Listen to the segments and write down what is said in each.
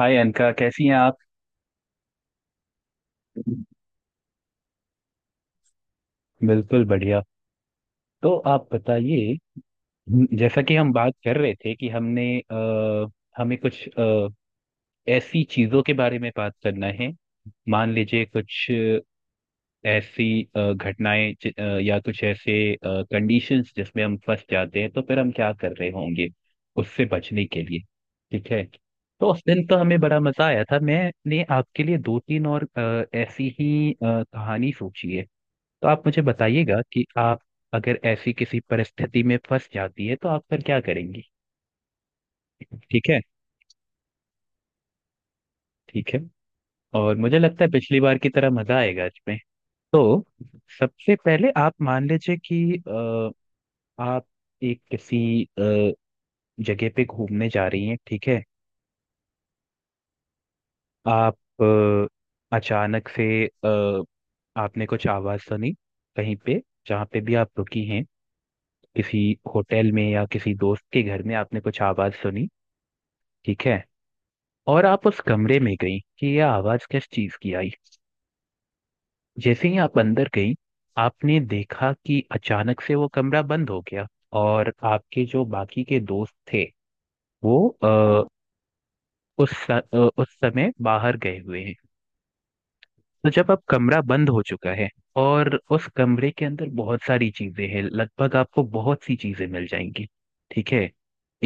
हाय अनका, कैसी हैं आप? बिल्कुल बढ़िया। तो आप बताइए। जैसा कि हम बात कर रहे थे कि हमें कुछ ऐसी चीजों के बारे में बात करना है। मान लीजिए कुछ ऐसी घटनाएं, या कुछ ऐसे कंडीशंस जिसमें हम फंस जाते हैं, तो फिर हम क्या कर रहे होंगे उससे बचने के लिए। ठीक है। तो उस दिन तो हमें बड़ा मजा आया था, मैंने आपके लिए दो तीन और ऐसी ही कहानी सोची है। तो आप मुझे बताइएगा कि आप अगर ऐसी किसी परिस्थिति में फंस जाती है तो आप फिर क्या करेंगी। ठीक है। ठीक है। और मुझे लगता है पिछली बार की तरह मजा आएगा इसमें। तो सबसे पहले आप मान लीजिए कि आप एक किसी अ, जगह पे घूमने जा रही हैं, ठीक है। अचानक से आपने कुछ आवाज सुनी कहीं पे, जहाँ पे भी आप रुकी हैं, किसी होटल में या किसी दोस्त के घर में आपने कुछ आवाज सुनी, ठीक है। और आप उस कमरे में गई कि यह आवाज किस चीज की आई। जैसे ही आप अंदर गई, आपने देखा कि अचानक से वो कमरा बंद हो गया, और आपके जो बाकी के दोस्त थे वो आ, उस स- अ, उस समय बाहर गए हुए हैं। तो जब अब कमरा बंद हो चुका है, और उस कमरे के अंदर बहुत सारी चीजें हैं, लगभग आपको बहुत सी चीजें मिल जाएंगी, ठीक है।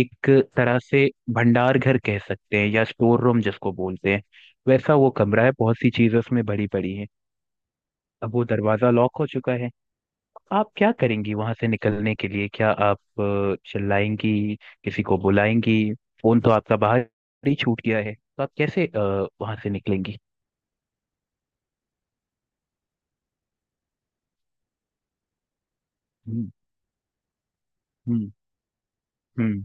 एक तरह से भंडार घर कह सकते हैं, या स्टोर रूम जिसको बोलते हैं, वैसा वो कमरा है। बहुत सी चीजें उसमें भरी पड़ी हैं। अब वो दरवाजा लॉक हो चुका है। आप क्या करेंगी वहां से निकलने के लिए? क्या आप चिल्लाएंगी? किसी को बुलाएंगी? फोन तो आपका बाहर ही छूट गया है, तो आप कैसे वहां से निकलेंगी? हम्म। हम्म। हम्म।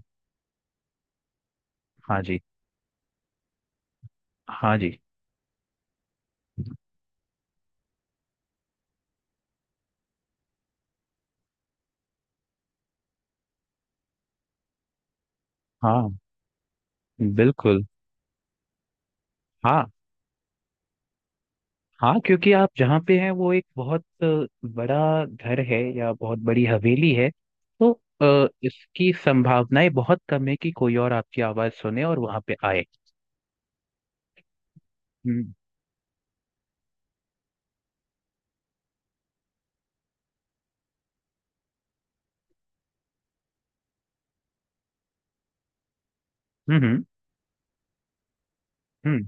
हाँ जी। हाँ जी। हाँ बिल्कुल। हाँ हाँ। क्योंकि आप जहाँ पे हैं वो एक बहुत बड़ा घर है, या बहुत बड़ी हवेली है। तो इसकी संभावनाएं बहुत कम है कि कोई और आपकी आवाज सुने और वहां पे आए। हम्म। हम्म। हम्म।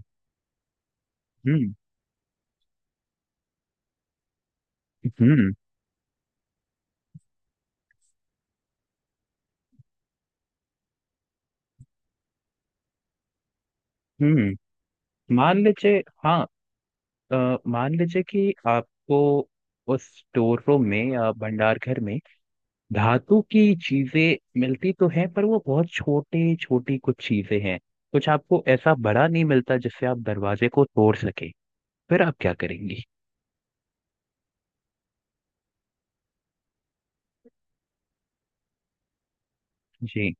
हम्म। हम्म। हम्म। हम्म। मान लीजिए, हाँ। मान लीजिए कि आपको उस स्टोर रूम में या भंडार घर में धातु की चीजें मिलती तो हैं, पर वो बहुत छोटे छोटी कुछ चीजें हैं। कुछ आपको ऐसा बड़ा नहीं मिलता जिससे आप दरवाजे को तोड़ सके। फिर आप क्या करेंगी? जी।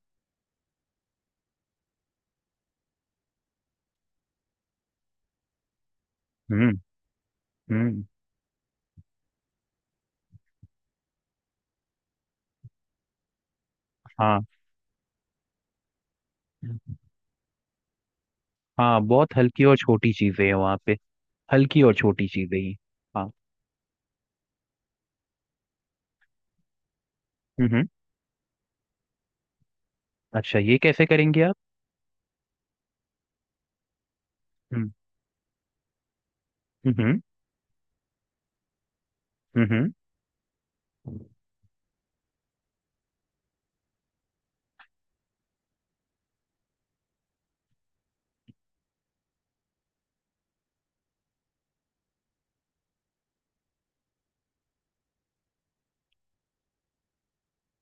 हम्म। हम्म। हाँ। हाँ, बहुत हल्की और छोटी चीजें हैं वहां पे। हल्की और छोटी चीजें ही। हाँ। हम्म। हम्म। अच्छा, ये कैसे करेंगे आप? हम्म। हम्म। हम्म। हम्म।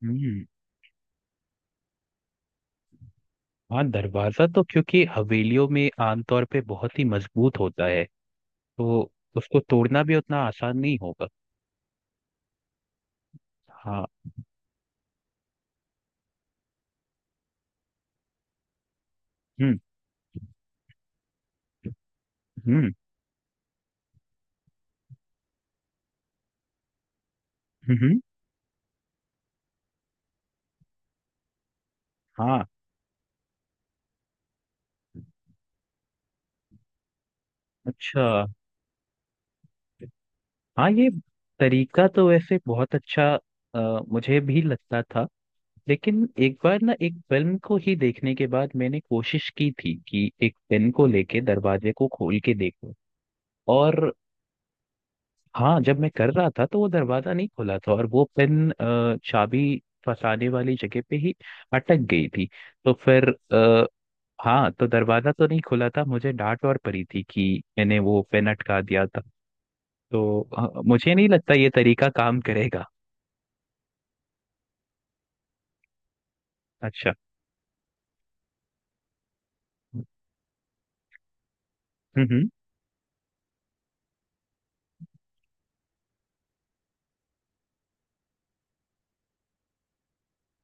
हम्म। हाँ, दरवाजा तो क्योंकि हवेलियों में आमतौर पे बहुत ही मजबूत होता है, तो उसको तोड़ना भी उतना आसान नहीं होगा। हाँ। हम्म। हम्म। हम्म। हम्म। हाँ। अच्छा। हाँ, ये तरीका तो वैसे बहुत अच्छा मुझे भी लगता था। लेकिन एक बार ना, एक फिल्म को ही देखने के बाद मैंने कोशिश की थी कि एक पेन को लेके दरवाजे को खोल के देखूं। और हाँ, जब मैं कर रहा था तो वो दरवाजा नहीं खुला था, और वो पेन चाबी फंसाने वाली जगह पे ही अटक गई थी। तो फिर, अ, हाँ, तो दरवाजा तो नहीं खुला था, मुझे डांट और पड़ी थी कि मैंने वो पेन अटका दिया था। तो मुझे नहीं लगता ये तरीका काम करेगा। अच्छा। हम्म। हम्म।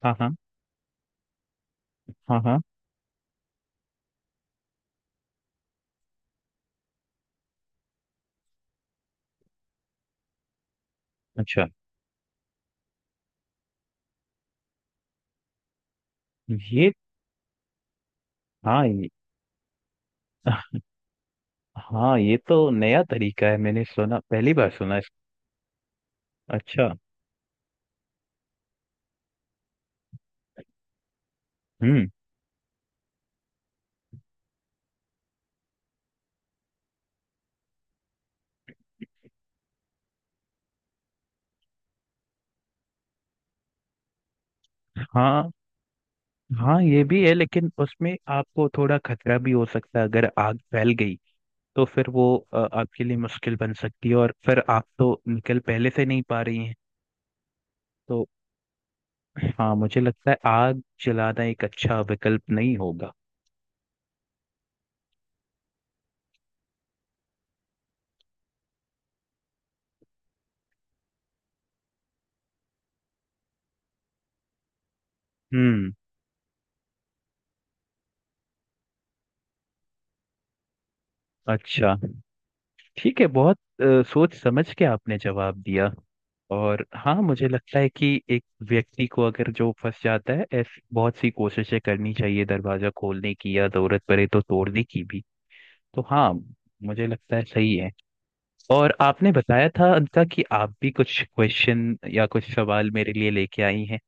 हाँ, हाँ, हाँ, हाँ। अच्छा, ये, हाँ, ये, हाँ, ये तो नया तरीका है। मैंने सुना, पहली बार सुना इस। अच्छा। हम्म। हाँ, हाँ ये भी है, लेकिन उसमें आपको थोड़ा खतरा भी हो सकता है अगर आग फैल गई। तो फिर वो आपके लिए मुश्किल बन सकती है, और फिर आप तो निकल पहले से नहीं पा रही हैं। तो हाँ, मुझे लगता है आग जलाना एक अच्छा विकल्प नहीं होगा। हम्म। अच्छा। ठीक है, बहुत सोच समझ के आपने जवाब दिया। और हाँ, मुझे लगता है कि एक व्यक्ति को अगर जो फंस जाता है, ऐसी बहुत सी कोशिशें करनी चाहिए दरवाजा खोलने की, या जरूरत पड़े तो तोड़ने की भी। तो हाँ, मुझे लगता है सही है। और आपने बताया था अंका, कि आप भी कुछ क्वेश्चन या कुछ सवाल मेरे लिए लेके आई हैं।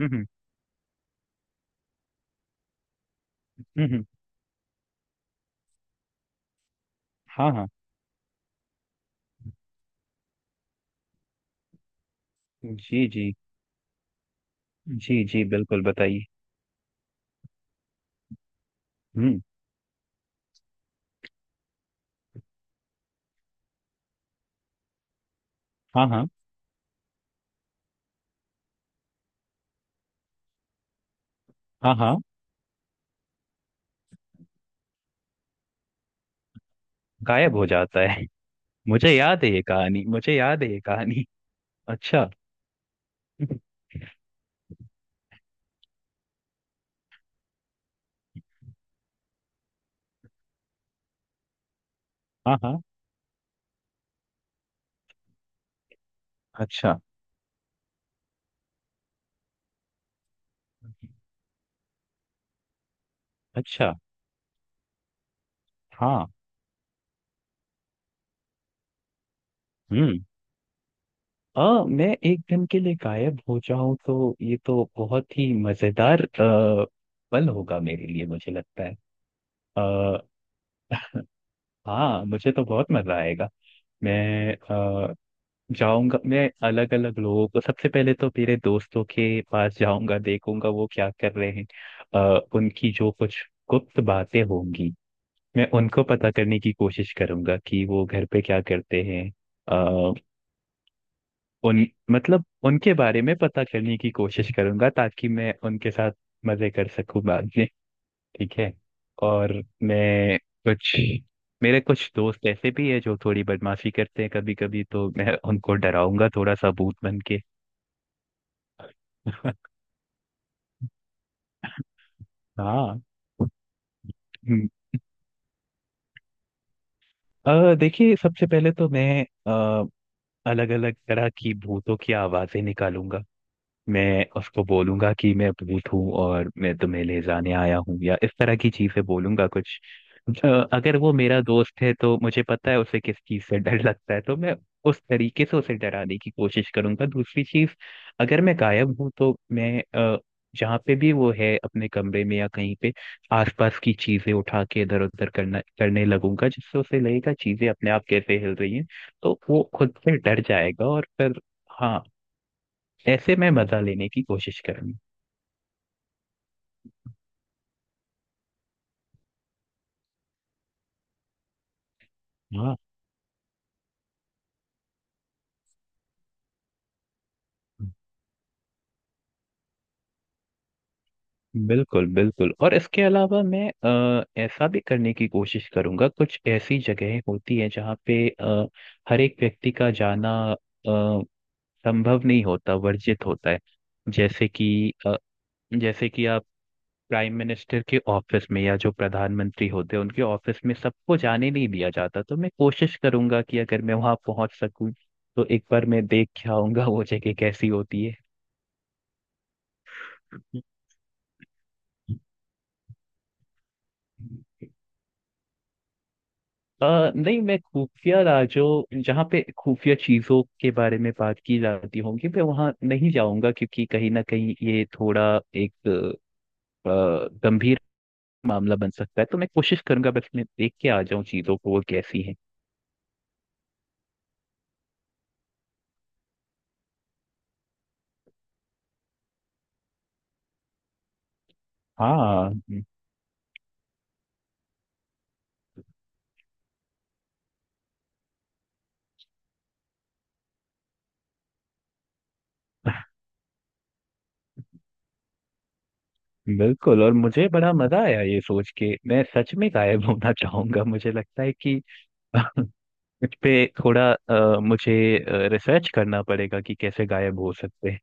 हम्म। हम्म। हम्म। हम्म। हाँ। हाँ। जी जी। जी जी, बिल्कुल बताइए। हम्म। हाँ, हाँ, हाँ, हाँ। गायब हो जाता है। मुझे याद है ये कहानी, मुझे याद है ये कहानी। अच्छा। हाँ हाँ। अच्छा। अच्छा। हाँ। हम्म। मैं एक दिन के लिए गायब हो जाऊं तो ये तो बहुत ही मजेदार पल होगा मेरे लिए, मुझे लगता है। अ, हाँ, मुझे तो बहुत मजा आएगा। मैं जाऊंगा, मैं अलग अलग लोगों को, सबसे पहले तो मेरे दोस्तों के पास जाऊंगा, देखूंगा वो क्या कर रहे हैं। उनकी जो कुछ गुप्त बातें होंगी, मैं उनको पता करने की कोशिश करूंगा कि वो घर पे क्या करते हैं। अ, उन मतलब उनके बारे में पता करने की कोशिश करूंगा, ताकि मैं उनके साथ मजे कर सकूं बाद में। ठीक है। और मैं कुछ मेरे कुछ दोस्त ऐसे भी है जो थोड़ी बदमाशी करते हैं कभी कभी, तो मैं उनको डराऊंगा थोड़ा सा भूत बन के। हाँ। हम्म। देखिए, सबसे पहले तो मैं अलग अलग तरह की भूतों की आवाजें निकालूंगा। मैं उसको बोलूंगा कि मैं भूत हूँ और मैं तुम्हें ले जाने आया हूँ, या इस तरह की चीजें बोलूंगा कुछ। अगर वो मेरा दोस्त है तो मुझे पता है उसे किस चीज से डर लगता है, तो मैं उस तरीके से उसे डराने की कोशिश करूंगा। दूसरी चीज, अगर मैं गायब हूँ तो मैं अ, जहाँ पे भी वो है, अपने कमरे में या कहीं पे, आसपास की चीजें उठा के इधर उधर करना करने लगूंगा, जिससे उसे लगेगा चीजें अपने आप कैसे हिल रही हैं। तो वो खुद से डर जाएगा, और फिर, हाँ, ऐसे मैं मजा लेने की कोशिश करूंगी। हाँ, बिल्कुल बिल्कुल। और इसके अलावा मैं ऐसा भी करने की कोशिश करूंगा, कुछ ऐसी जगहें होती है जहाँ पे हर एक व्यक्ति का जाना संभव नहीं होता, वर्जित होता है। जैसे कि अ, जैसे कि आप प्राइम मिनिस्टर के ऑफिस में, या जो प्रधानमंत्री होते हैं उनके ऑफिस में सबको जाने नहीं दिया जाता, तो मैं कोशिश करूंगा कि अगर मैं वहां पहुंच सकूं, तो एक बार मैं देख के आऊंगा वो जगह कैसी होती है। अ, नहीं, मैं खुफिया राजो जहाँ पे खुफिया चीजों के बारे में बात की जाती होगी, मैं वहां नहीं जाऊंगा, क्योंकि कहीं ना कहीं ये थोड़ा एक गंभीर मामला बन सकता है। तो मैं कोशिश करूंगा बस मैं देख के आ जाऊं चीजों को वो कैसी है। हाँ बिल्कुल, और मुझे बड़ा मजा आया ये सोच के। मैं सच में गायब होना चाहूंगा। मुझे लगता है कि इस पे थोड़ा मुझे रिसर्च करना पड़ेगा कि कैसे गायब हो सकते हैं।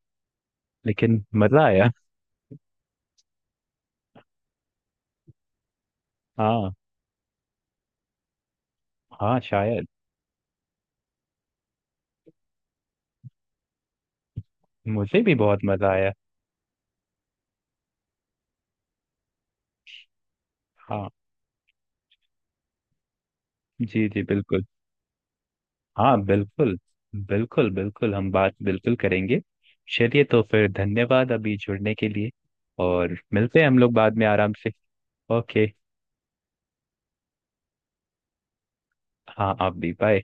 लेकिन मजा आया। हाँ। हाँ शायद। मुझे भी बहुत मजा आया। हाँ जी जी, बिल्कुल। हाँ बिल्कुल। बिल्कुल बिल्कुल, हम बात बिल्कुल करेंगे। चलिए, तो फिर धन्यवाद अभी जुड़ने के लिए। और मिलते हैं हम लोग बाद में आराम से। ओके। हाँ आप भी, बाय।